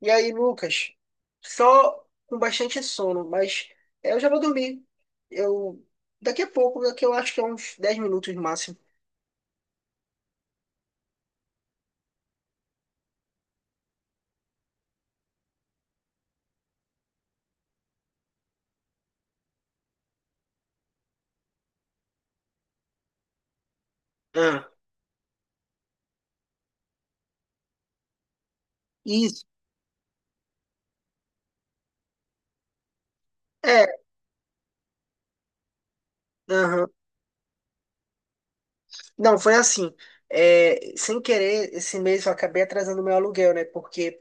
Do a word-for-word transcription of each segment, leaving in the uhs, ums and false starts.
E aí, Lucas, só com bastante sono, mas é, eu já vou dormir. Eu daqui a pouco, daqui eu acho que é uns dez minutos no máximo. Ah, isso. É, aham. Não, foi assim. É, sem querer, esse mês eu acabei atrasando meu aluguel, né? Porque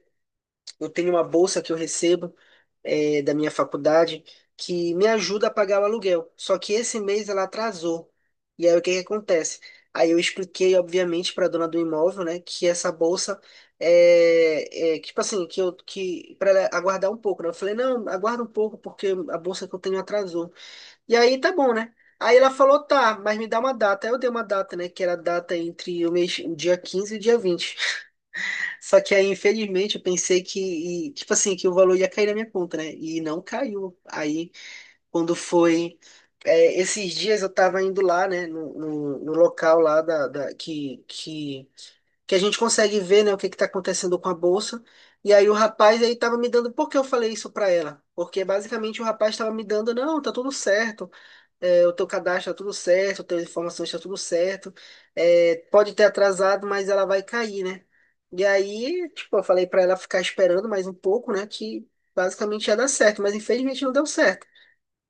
eu tenho uma bolsa que eu recebo eh, da minha faculdade que me ajuda a pagar o aluguel. Só que esse mês ela atrasou. E aí o que que acontece? Aí eu expliquei, obviamente, para a dona do imóvel, né, que essa bolsa é, é que, tipo assim, que eu que para ela aguardar um pouco, né? Eu falei, não, aguarda um pouco porque a bolsa que eu tenho atrasou. E aí tá bom, né? Aí ela falou, tá, mas me dá uma data. Aí eu dei uma data, né, que era a data entre o mês, o dia quinze e o dia vinte. Só que aí, infelizmente, eu pensei que, e, tipo assim, que o valor ia cair na minha conta, né? E não caiu. Aí, quando foi. É, esses dias eu tava indo lá, né? No, no, no local lá da, da- que, que, que a gente consegue ver, né? O que que tá acontecendo com a bolsa. E aí o rapaz aí tava me dando. Por que eu falei isso pra ela? Porque basicamente o rapaz tava me dando, não, tá tudo certo é, o teu cadastro está tudo certo, as tuas informações estão tudo certo. É, pode ter atrasado, mas ela vai cair, né? E aí, tipo, eu falei para ela ficar esperando mais um pouco, né? Que basicamente ia dar certo, mas infelizmente não deu certo.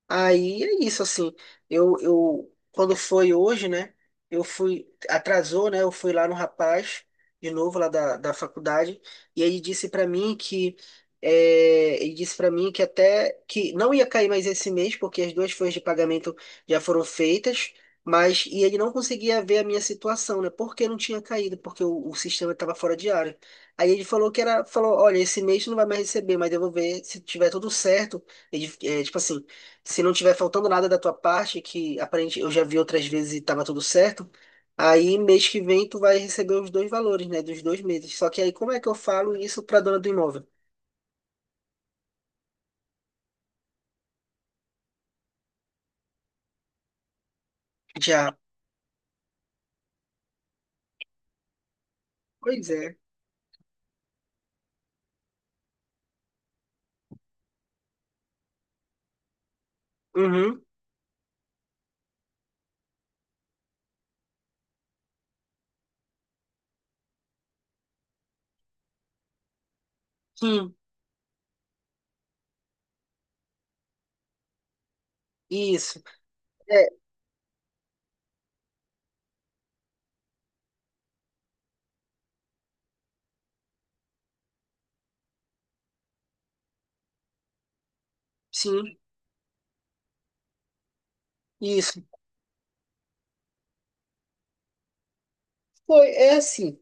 Aí é isso, assim, eu, eu, quando foi hoje, né, eu fui, atrasou, né, eu fui lá no rapaz, de novo, lá da, da faculdade, e ele disse pra mim que, é, ele disse para mim que até, que não ia cair mais esse mês, porque as duas folhas de pagamento já foram feitas, mas, e ele não conseguia ver a minha situação, né, porque não tinha caído, porque o, o sistema estava fora de área. Aí ele falou que era, falou, olha, esse mês tu não vai mais receber, mas eu vou ver se tiver tudo certo, ele, é, tipo assim, se não tiver faltando nada da tua parte, que aparente eu já vi outras vezes e tava tudo certo, aí mês que vem tu vai receber os dois valores, né? Dos dois meses. Só que aí como é que eu falo isso pra dona do imóvel? Já. Pois é. Uhum. Sim. Isso. É, sim. Isso. Foi, é assim.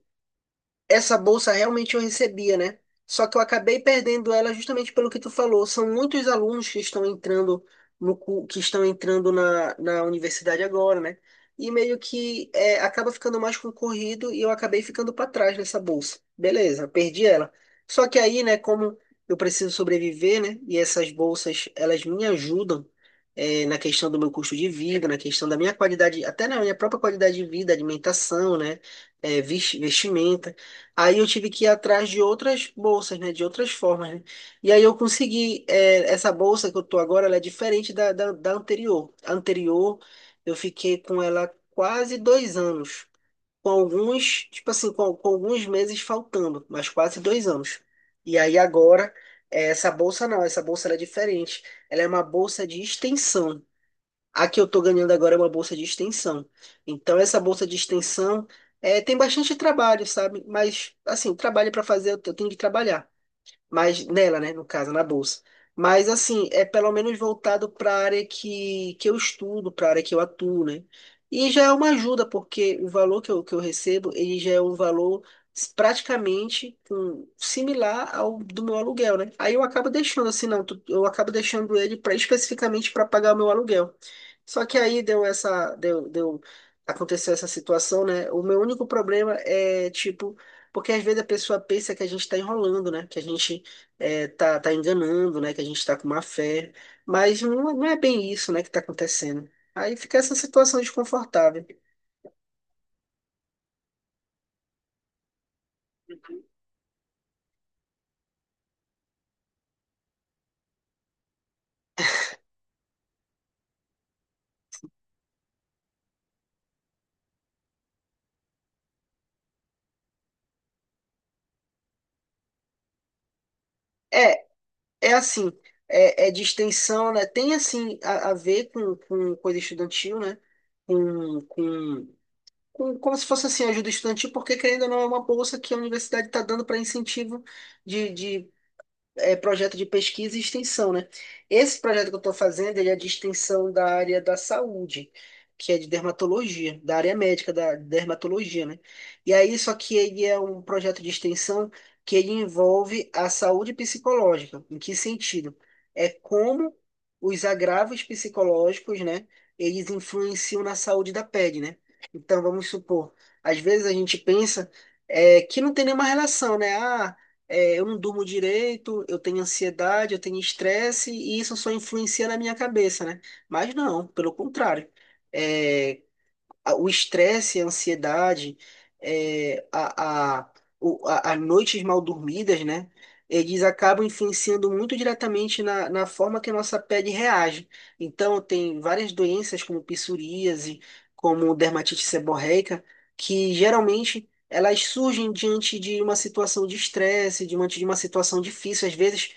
Essa bolsa realmente eu recebia, né? Só que eu acabei perdendo ela justamente pelo que tu falou. São muitos alunos que estão entrando no cu- que estão entrando na, na universidade agora, né? E meio que é, acaba ficando mais concorrido e eu acabei ficando para trás nessa bolsa. Beleza, perdi ela. Só que aí, né, como eu preciso sobreviver, né? E essas bolsas, elas me ajudam é, na questão do meu custo de vida, na questão da minha qualidade, até na minha própria qualidade de vida, alimentação, né? É, vis- vestimenta. Aí eu tive que ir atrás de outras bolsas, né? De outras formas, né? E aí eu consegui, é, essa bolsa que eu tô agora, ela é diferente da, da, da anterior. A anterior, eu fiquei com ela quase dois anos. Com alguns, tipo assim, com, com alguns meses faltando, mas quase dois anos. E aí agora, é, essa bolsa não, essa bolsa ela é diferente. Ela é uma bolsa de extensão. A que eu estou ganhando agora é uma bolsa de extensão. Então, essa bolsa de extensão é, tem bastante trabalho, sabe? Mas, assim, trabalho para fazer, eu tenho que trabalhar mas nela, né, no caso, na bolsa. Mas assim, é pelo menos voltado para a área que, que eu estudo, para a área que eu atuo, né? E já é uma ajuda, porque o valor que eu, que eu recebo, ele já é um valor praticamente hum, similar ao do meu aluguel, né? Aí eu acabo deixando assim, não, tu- eu acabo deixando ele pra, especificamente para pagar o meu aluguel. Só que aí deu essa, deu, deu, aconteceu essa situação, né? O meu único problema é, tipo, porque às vezes a pessoa pensa que a gente está enrolando, né? Que a gente é, tá, tá enganando, né? Que a gente tá com má fé. Mas não, não é bem isso, né, que tá acontecendo. Aí fica essa situação desconfortável. É, é assim, é, é de extensão, né? Tem assim a, a ver com, com coisa estudantil, né? Com, com, com como se fosse assim ajuda estudantil, porque querendo ou não é uma bolsa que a universidade está dando para incentivo de, de é, projeto de pesquisa e extensão, né? Esse projeto que eu estou fazendo, ele é de extensão da área da saúde, que é de dermatologia, da área médica da dermatologia, né? E aí, só que ele é um projeto de extensão que ele envolve a saúde psicológica. Em que sentido? É como os agravos psicológicos, né? Eles influenciam na saúde da pele, né? Então, vamos supor, às vezes a gente pensa é, que não tem nenhuma relação, né? Ah, é, eu não durmo direito, eu tenho ansiedade, eu tenho estresse, e isso só influencia na minha cabeça, né? Mas não, pelo contrário. É, a- o estresse, a ansiedade, é, a, a, o- a, as noites mal dormidas, né? Eles acabam influenciando muito diretamente na, na forma que a nossa pele reage. Então, tem várias doenças como psoríase, como dermatite seborreica, que geralmente elas surgem diante de uma situação de estresse, diante de uma situação difícil. Às vezes,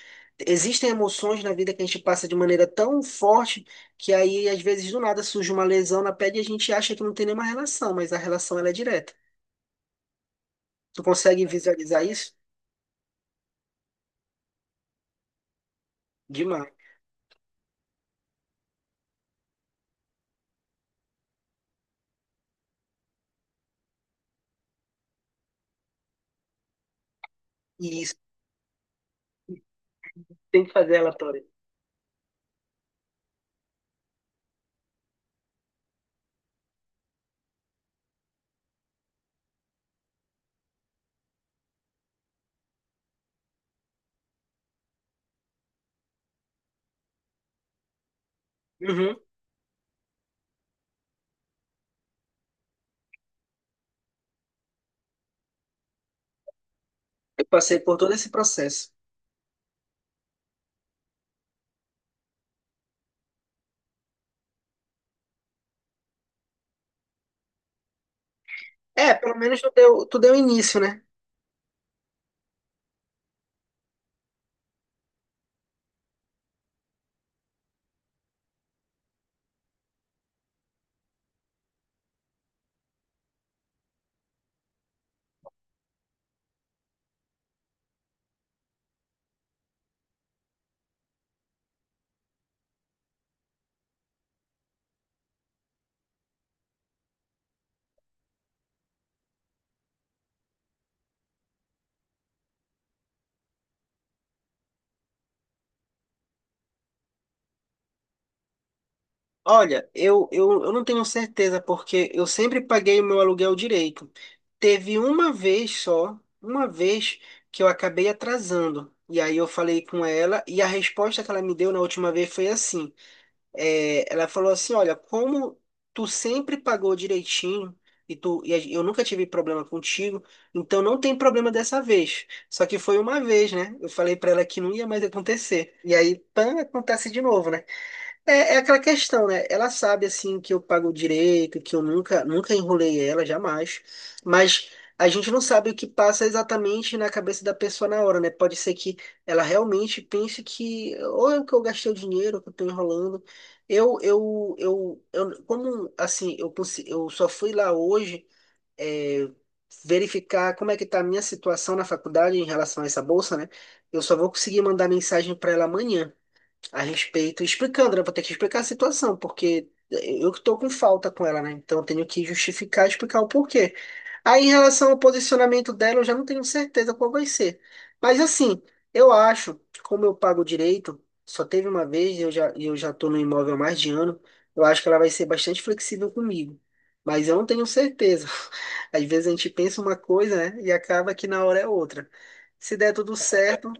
existem emoções na vida que a gente passa de maneira tão forte que aí às vezes do nada surge uma lesão na pele e a gente acha que não tem nenhuma relação, mas a relação ela é direta. Tu consegue visualizar isso? Demais. E isso tem que fazer relatório. Uhum. Eu passei por todo esse processo. É, pelo menos tu deu, tu deu início, né? Olha, eu, eu, eu não tenho certeza, porque eu sempre paguei o meu aluguel direito. Teve uma vez só, uma vez, que eu acabei atrasando. E aí eu falei com ela, e a resposta que ela me deu na última vez foi assim. É, ela falou assim, olha, como tu sempre pagou direitinho e tu e a- eu nunca tive problema contigo, então não tem problema dessa vez. Só que foi uma vez, né? Eu falei pra ela que não ia mais acontecer. E aí, pã, acontece de novo, né? É, é aquela questão, né? Ela sabe, assim, que eu pago direito, que eu nunca, nunca enrolei ela, jamais. Mas a gente não sabe o que passa exatamente na cabeça da pessoa na hora, né? Pode ser que ela realmente pense que ou é que eu gastei o dinheiro, ou que eu tô enrolando. Eu, eu, eu, eu como, assim, eu, consi- eu só fui lá hoje, é, verificar como é que tá a minha situação na faculdade em relação a essa bolsa, né? Eu só vou conseguir mandar mensagem para ela amanhã a respeito, explicando, né? Vou ter que explicar a situação, porque eu que tô com falta com ela, né? Então eu tenho que justificar, explicar o porquê. Aí, em relação ao posicionamento dela, eu já não tenho certeza qual vai ser. Mas assim, eu acho, como eu pago direito, só teve uma vez e eu já, e eu já tô no imóvel há mais de ano, eu acho que ela vai ser bastante flexível comigo. Mas eu não tenho certeza. Às vezes a gente pensa uma coisa, né? E acaba que na hora é outra. Se der tudo certo.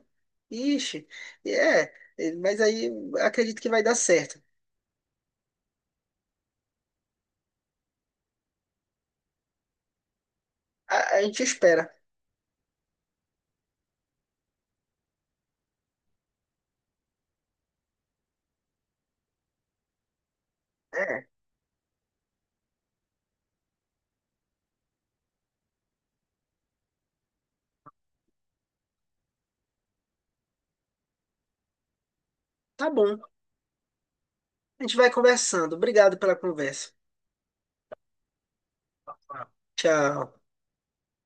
Ixi, é, é, mas aí acredito que vai dar certo. A, a gente espera. É, tá bom. A gente vai conversando. Obrigado pela conversa. Tchau.